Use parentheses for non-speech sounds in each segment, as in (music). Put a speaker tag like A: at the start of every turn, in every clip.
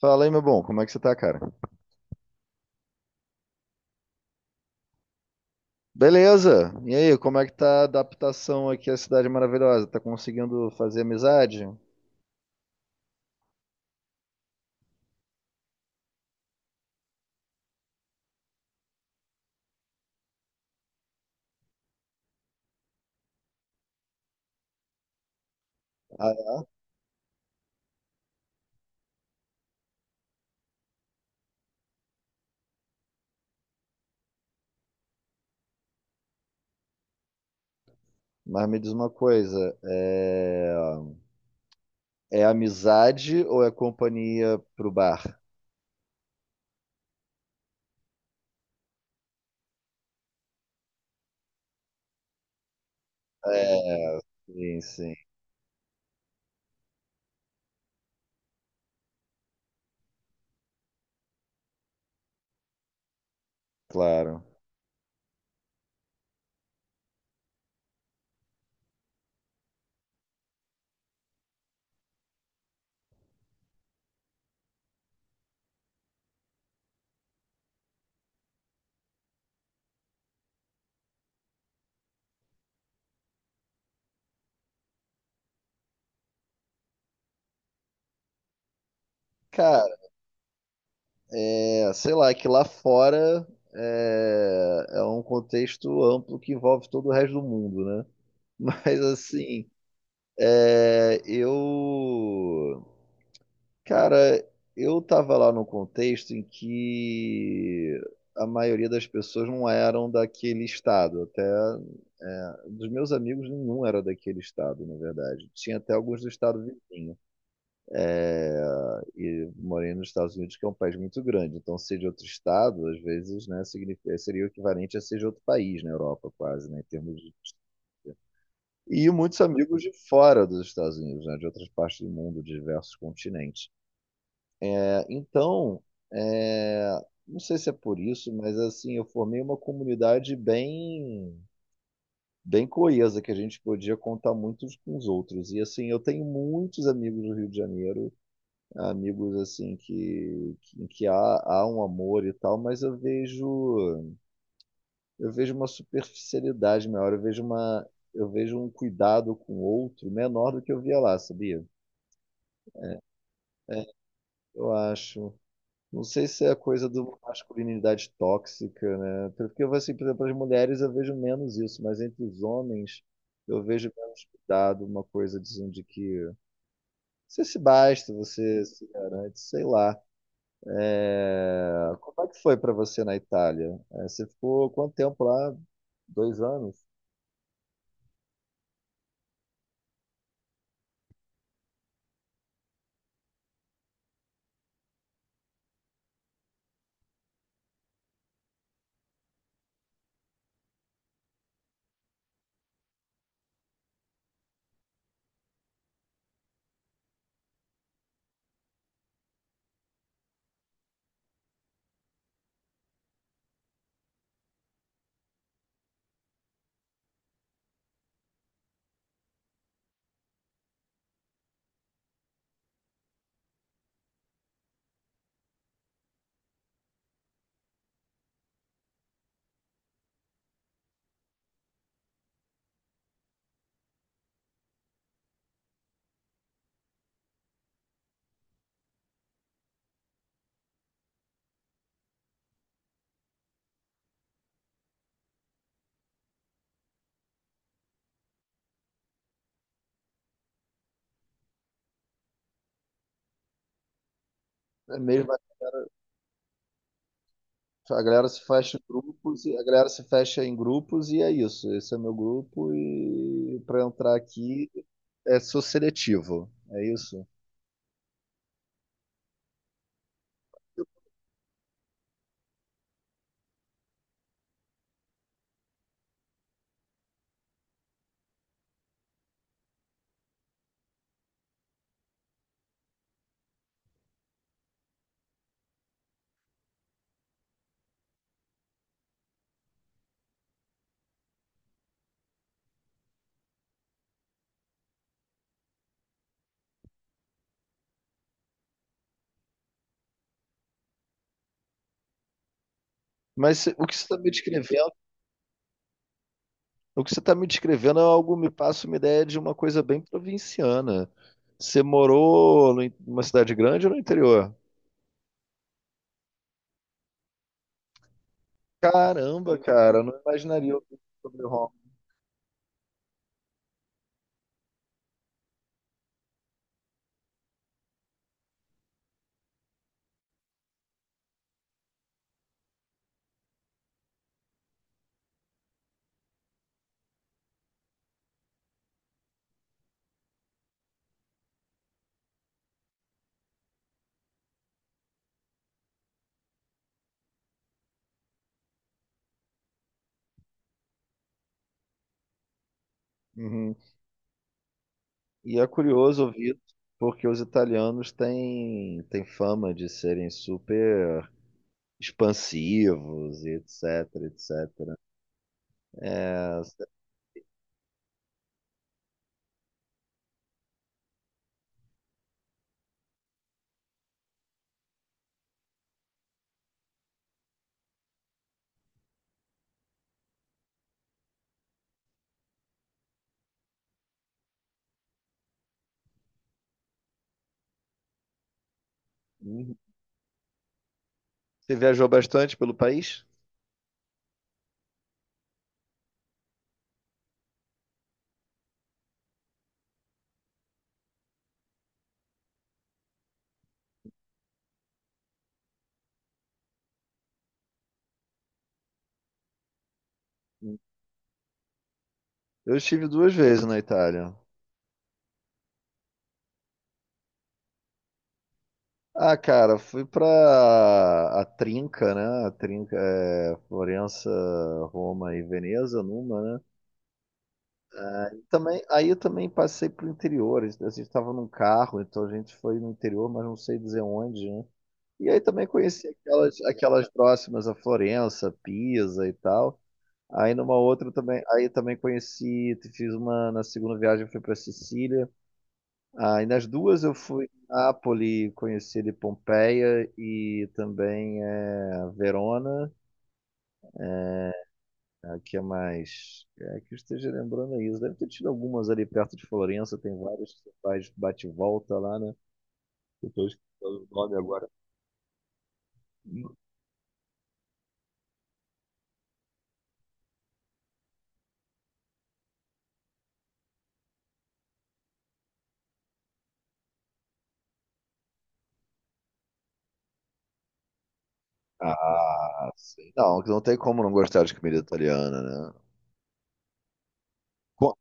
A: Fala aí, meu bom, como é que você tá, cara? Beleza! E aí, como é que tá a adaptação aqui à Cidade Maravilhosa? Tá conseguindo fazer amizade? Ah, mas me diz uma coisa, é amizade ou é companhia pro bar? É, sim, sim, claro. Cara, sei lá, é que lá fora é um contexto amplo que envolve todo o resto do mundo, né? (laughs) Mas assim, é, eu Cara, eu tava lá num contexto em que a maioria das pessoas não eram daquele estado. Até, dos meus amigos, nenhum era daquele estado, na verdade. Tinha até alguns do estado vizinho. E morei nos Estados Unidos, que é um país muito grande. Então, ser de outro estado, às vezes, né, significa- seria o equivalente a ser de outro país na Europa, quase, né, em termos de. E muitos amigos de fora dos Estados Unidos, né, de outras partes do mundo, de diversos continentes. Então, é, não sei se é por isso, mas assim, eu formei uma comunidade bem, bem coesa, que a gente podia contar muito com os outros. E assim, eu tenho muitos amigos do Rio de Janeiro, amigos assim que há um amor e tal, mas eu vejo uma superficialidade maior, eu vejo um cuidado com o outro menor do que eu via lá, sabia? Eu acho. Não sei se é a coisa de uma masculinidade tóxica, né? Porque eu assim, por exemplo, as mulheres eu vejo menos isso, mas entre os homens eu vejo menos cuidado, uma coisa de que você se basta, você se garante, sei lá. É, como é que foi para você na Itália? É, você ficou quanto tempo lá? Dois anos? É mesmo, a galera se fecha em grupos, a galera se fecha em grupos e é isso. Esse é meu grupo e para entrar aqui sou seletivo. É isso? Mas o que você está me descrevendo é algo, me passa uma ideia de uma coisa bem provinciana. Você morou no in- numa cidade grande ou no interior? Caramba, cara, não imaginaria ouvir sobre Roma. Uhum. E é curioso ouvir, porque os italianos têm fama de serem super expansivos e etc, etc. É, você Uhum. Você viajou bastante pelo país? Eu estive duas vezes na Itália. Ah, cara, fui pra a Trinca, né? A Trinca é Florença, Roma e Veneza, numa, né? Também, aí eu também passei pro interior. A gente estava num carro, então a gente foi no interior, mas não sei dizer onde, né? E aí também conheci aquelas próximas a Florença, Pisa e tal. Aí numa outra também, aí também conheci, fiz uma na segunda viagem fui pra Sicília. Ah, e nas duas eu fui a Nápoles, conheci de Pompeia e também Verona, que é mais. É, que eu esteja lembrando é isso. Deve ter tido algumas ali perto de Florença, tem várias que você faz bate e volta lá, né? Eu tô esquecendo o nome agora. Ah, sim. Não, não tem como não gostar de comida italiana, né? Co-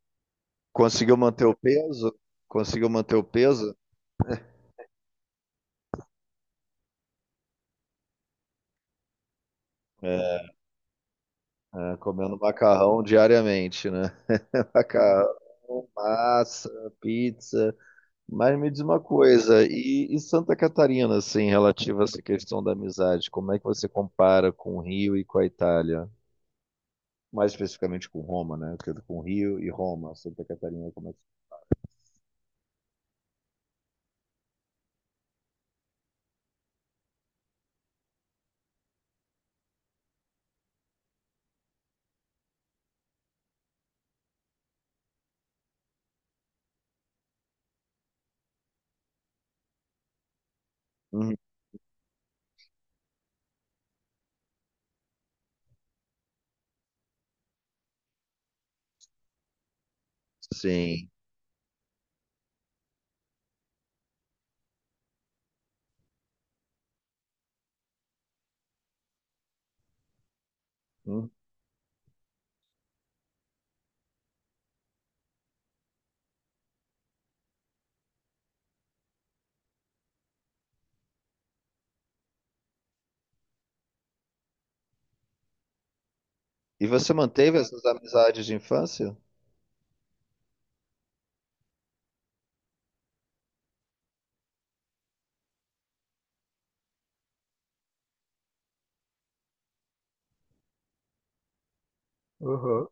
A: Conseguiu manter o peso? Conseguiu manter o peso? É, é, comendo macarrão diariamente, né? Macarrão, massa, pizza. Mas me diz uma coisa, e Santa Catarina, assim, relativa a essa questão da amizade, como é que você compara com o Rio e com a Itália? Mais especificamente com Roma, né? Porque com o Rio e Roma, Santa Catarina, como é que... Hum, sim. Hum. E você manteve essas amizades de infância? Uhum.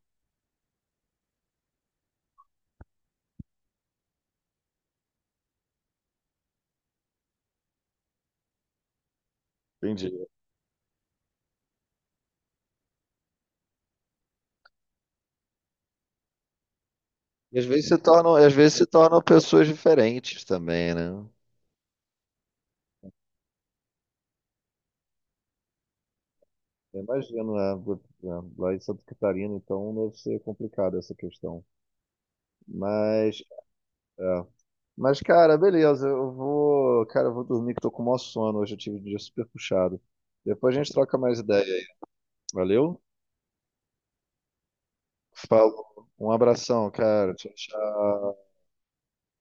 A: Entendi. E às vezes se tornam pessoas diferentes também, né? Imagino, né? Né, Lá em Santa Catarina, então deve ser complicado essa questão. Mas, é. Mas, cara, beleza. Eu vou, cara, eu vou dormir que tô com o maior sono. Hoje eu tive um dia super puxado. Depois a gente troca mais ideia. Valeu? Falou. Um abração, cara. Tchau, tchau.